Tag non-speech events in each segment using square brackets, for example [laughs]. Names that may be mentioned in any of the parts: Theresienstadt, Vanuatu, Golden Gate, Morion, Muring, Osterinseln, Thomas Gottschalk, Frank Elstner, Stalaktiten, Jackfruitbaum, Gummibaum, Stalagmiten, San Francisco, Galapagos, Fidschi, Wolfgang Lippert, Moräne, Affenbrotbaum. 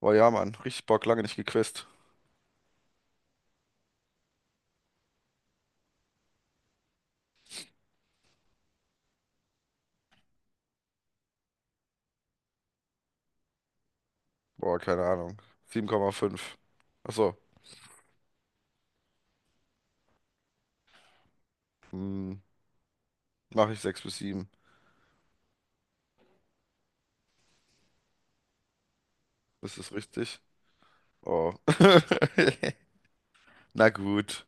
Boah, ja, Mann. Richtig Bock, lange nicht gequizt. Boah, keine Ahnung. 7,5. Achso. Hm, mache ich 6 bis 7. Ist das richtig? Oh. [laughs] Na gut.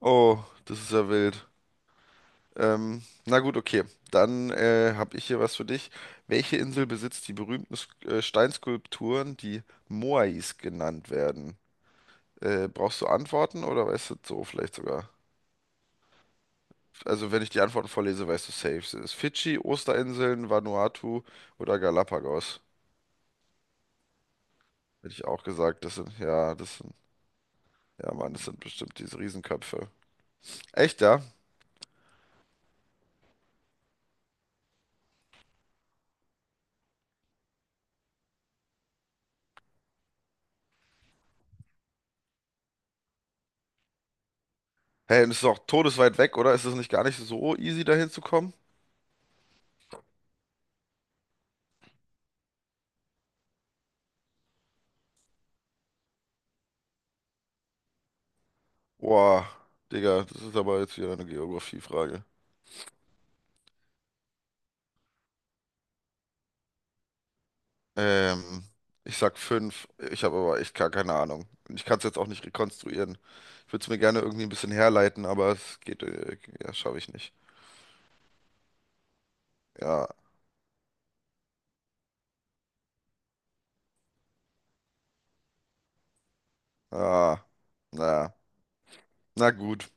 Oh, das ist ja wild. Na gut, okay. Dann habe ich hier was für dich. Welche Insel besitzt die berühmten Steinskulpturen, die Moais genannt werden? Brauchst du Antworten oder weißt du es so vielleicht sogar? Also wenn ich die Antworten vorlese, weißt du safe. Sind es Fidschi, Osterinseln, Vanuatu oder Galapagos? Hätte ich auch gesagt, das sind, ja, Mann, das sind bestimmt diese Riesenköpfe. Echt, ja? Hey, und es ist auch todesweit weg, oder? Ist es nicht gar nicht so easy, da hinzukommen? Boah, Digga, das ist aber jetzt wieder eine Geografiefrage. Ähm, Ich sag fünf. Ich habe aber echt gar keine Ahnung. Und ich kann es jetzt auch nicht rekonstruieren. Ich würde es mir gerne irgendwie ein bisschen herleiten, aber es geht, ja, schaffe ich nicht. Ja, ah, na. Na gut.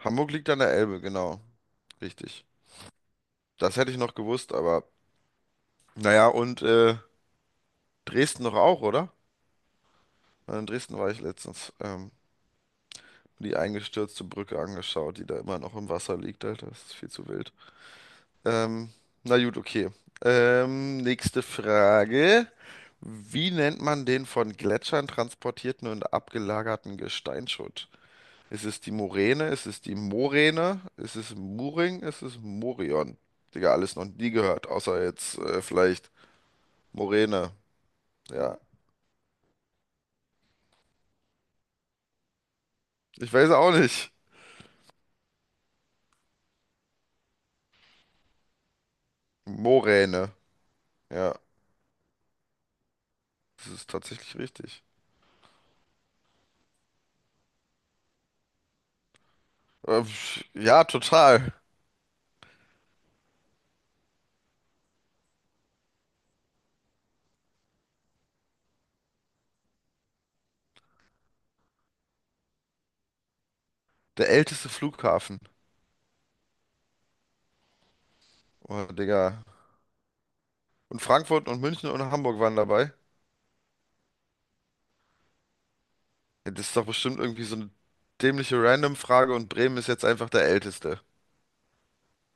Hamburg liegt an der Elbe, genau. Richtig. Das hätte ich noch gewusst, aber naja, und Dresden noch auch, oder? Ja, in Dresden war ich letztens. Die eingestürzte Brücke angeschaut, die da immer noch im Wasser liegt, Alter. Das ist viel zu wild. Ähm, na gut, okay. Nächste Frage. Wie nennt man den von Gletschern transportierten und abgelagerten Gesteinsschutt? Ist es die Moräne? Ist es die Moräne? Ist es Muring? Ist es Morion? Digga, alles noch nie gehört, außer jetzt vielleicht Moräne. Ja, ich weiß auch nicht. Moräne. Ja, das ist tatsächlich richtig. Ähm, ja, total. Der älteste Flughafen. Oh, Digga. Und Frankfurt und München und Hamburg waren dabei. Ja, das ist doch bestimmt irgendwie so eine dämliche Random-Frage und Bremen ist jetzt einfach der älteste.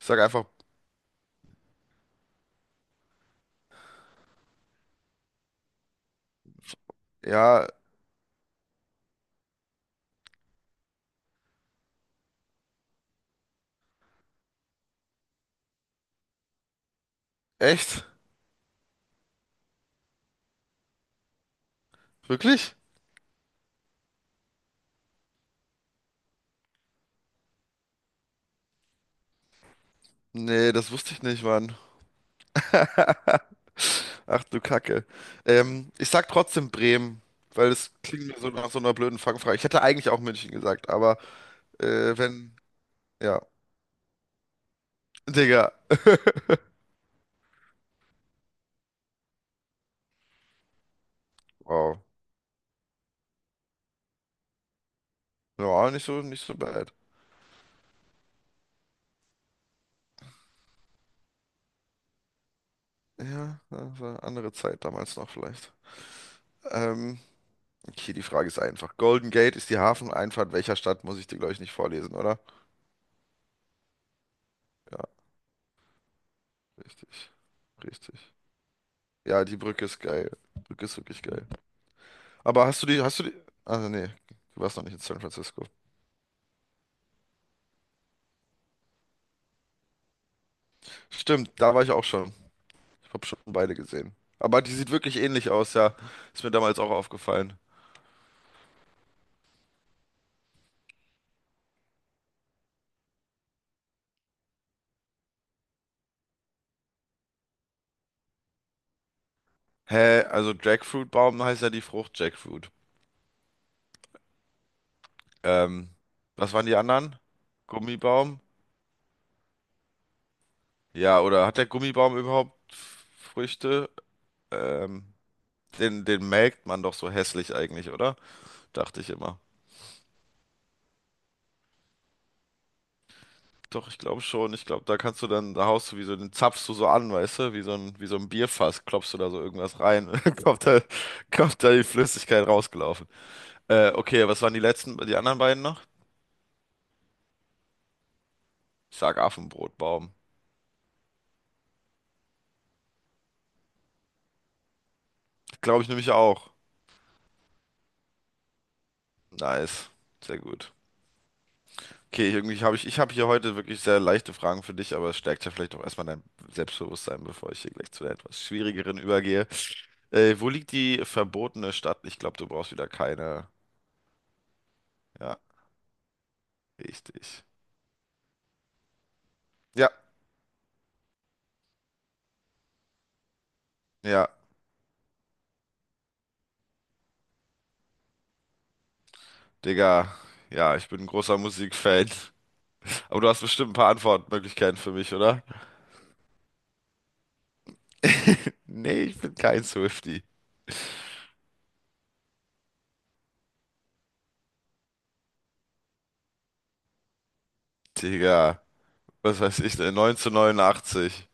Ich sag einfach, ja, echt? Wirklich? Nee, das wusste ich nicht, Mann. [laughs] Ach du Kacke. Ich sag trotzdem Bremen, weil es klingt mir so nach so einer blöden Fangfrage. Ich hätte eigentlich auch München gesagt, aber wenn, ja. Digga. [laughs] Wow. Ja, nicht so, nicht so bad. Ja, das war eine andere Zeit damals noch vielleicht. Ähm, okay, die Frage ist einfach. Golden Gate ist die Hafeneinfahrt welcher Stadt? Muss ich dir, glaube ich, nicht vorlesen, oder? Ja, richtig. Richtig. Ja, die Brücke ist geil. Brücke ist wirklich geil. Aber hast du die, hast du die? Also nee, du warst noch nicht in San Francisco. Stimmt, da war ich auch schon. Ich habe schon beide gesehen. Aber die sieht wirklich ähnlich aus, ja. Ist mir damals auch aufgefallen. Hä, also Jackfruitbaum heißt ja die Frucht Jackfruit. Ähm, was waren die anderen? Gummibaum? Ja, oder hat der Gummibaum überhaupt Früchte? Ähm, den, den melkt man doch so hässlich eigentlich, oder? Dachte ich immer. Doch, ich glaube schon. Ich glaube, da kannst du dann, da haust du wie so, den zapfst du so an, weißt du, wie so ein Bierfass, klopfst du da so irgendwas rein, [laughs] und dann kommt da die Flüssigkeit rausgelaufen. Okay, was waren die letzten, die anderen beiden noch? Ich sag Affenbrotbaum. Glaube ich nämlich auch. Nice. Sehr gut. Okay, irgendwie habe ich, ich habe hier heute wirklich sehr leichte Fragen für dich, aber es stärkt ja vielleicht auch erstmal dein Selbstbewusstsein, bevor ich hier gleich zu der etwas schwierigeren übergehe. Wo liegt die verbotene Stadt? Ich glaube, du brauchst wieder keine. Ja, richtig. Ja. Ja, Digga, ja, ich bin ein großer Musikfan. Aber du hast bestimmt ein paar Antwortmöglichkeiten für mich, oder? [laughs] Nee, ich bin kein Swiftie. Digga, was weiß ich denn? 1989.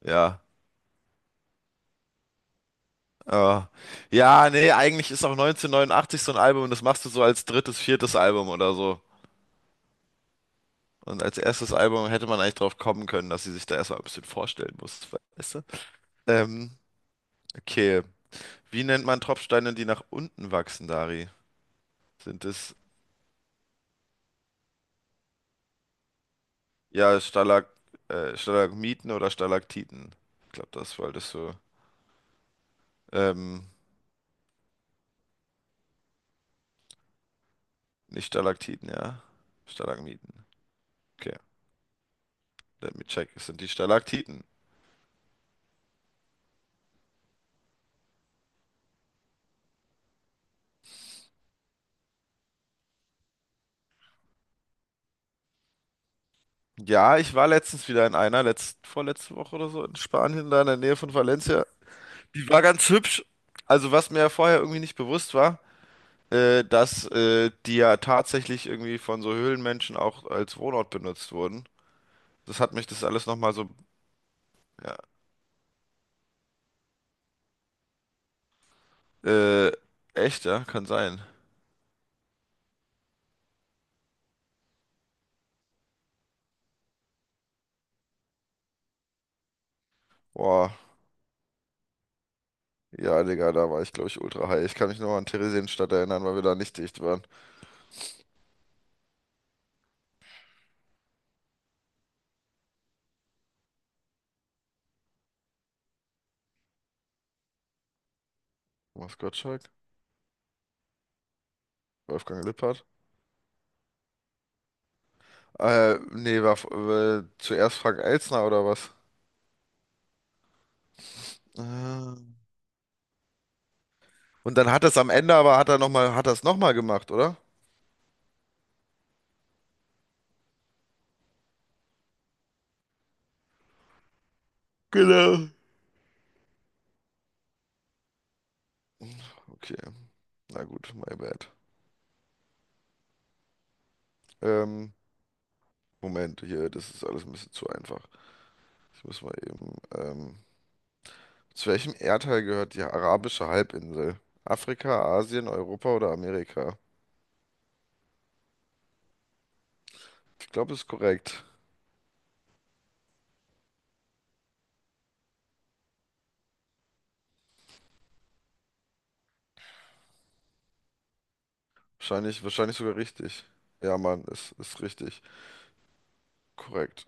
Ja. Oh. Ja, nee, eigentlich ist auch 1989 so ein Album und das machst du so als drittes, viertes Album oder so. Und als erstes Album hätte man eigentlich drauf kommen können, dass sie sich da erstmal ein bisschen vorstellen muss, weißt du? Ähm, okay. Wie nennt man Tropfsteine, die nach unten wachsen, Dari? Sind es Ja, Stalagmiten oder Stalaktiten. Ich glaube, das wolltest du. Ähm, nicht Stalaktiten, ja. Stalagmiten. Okay, let me check. Es sind die Stalaktiten. Ja, ich war letztens wieder in einer, vorletzte Woche oder so, in Spanien, da in der Nähe von Valencia. Die war ganz hübsch. Also, was mir ja vorher irgendwie nicht bewusst war, dass die ja tatsächlich irgendwie von so Höhlenmenschen auch als Wohnort benutzt wurden. Das hat mich das alles nochmal so. Ja, äh, echt, ja, kann sein. Boah. Ja, Digga, da war ich, glaube ich, ultra high. Ich kann mich nur an Theresienstadt erinnern, weil wir da nicht dicht waren. Thomas Gottschalk? Wolfgang Lippert? Nee, war zuerst Frank Elstner oder was? Ah. Und dann hat das am Ende aber, hat er noch mal, hat das nochmal gemacht, oder? Genau. Okay, na gut, my bad. Ähm, Moment, hier, das ist alles ein bisschen zu einfach. Ich muss mal eben, zu welchem Erdteil gehört die arabische Halbinsel? Afrika, Asien, Europa oder Amerika? Ich glaube, es ist korrekt. Wahrscheinlich, wahrscheinlich sogar richtig. Ja, Mann, ist richtig. Korrekt.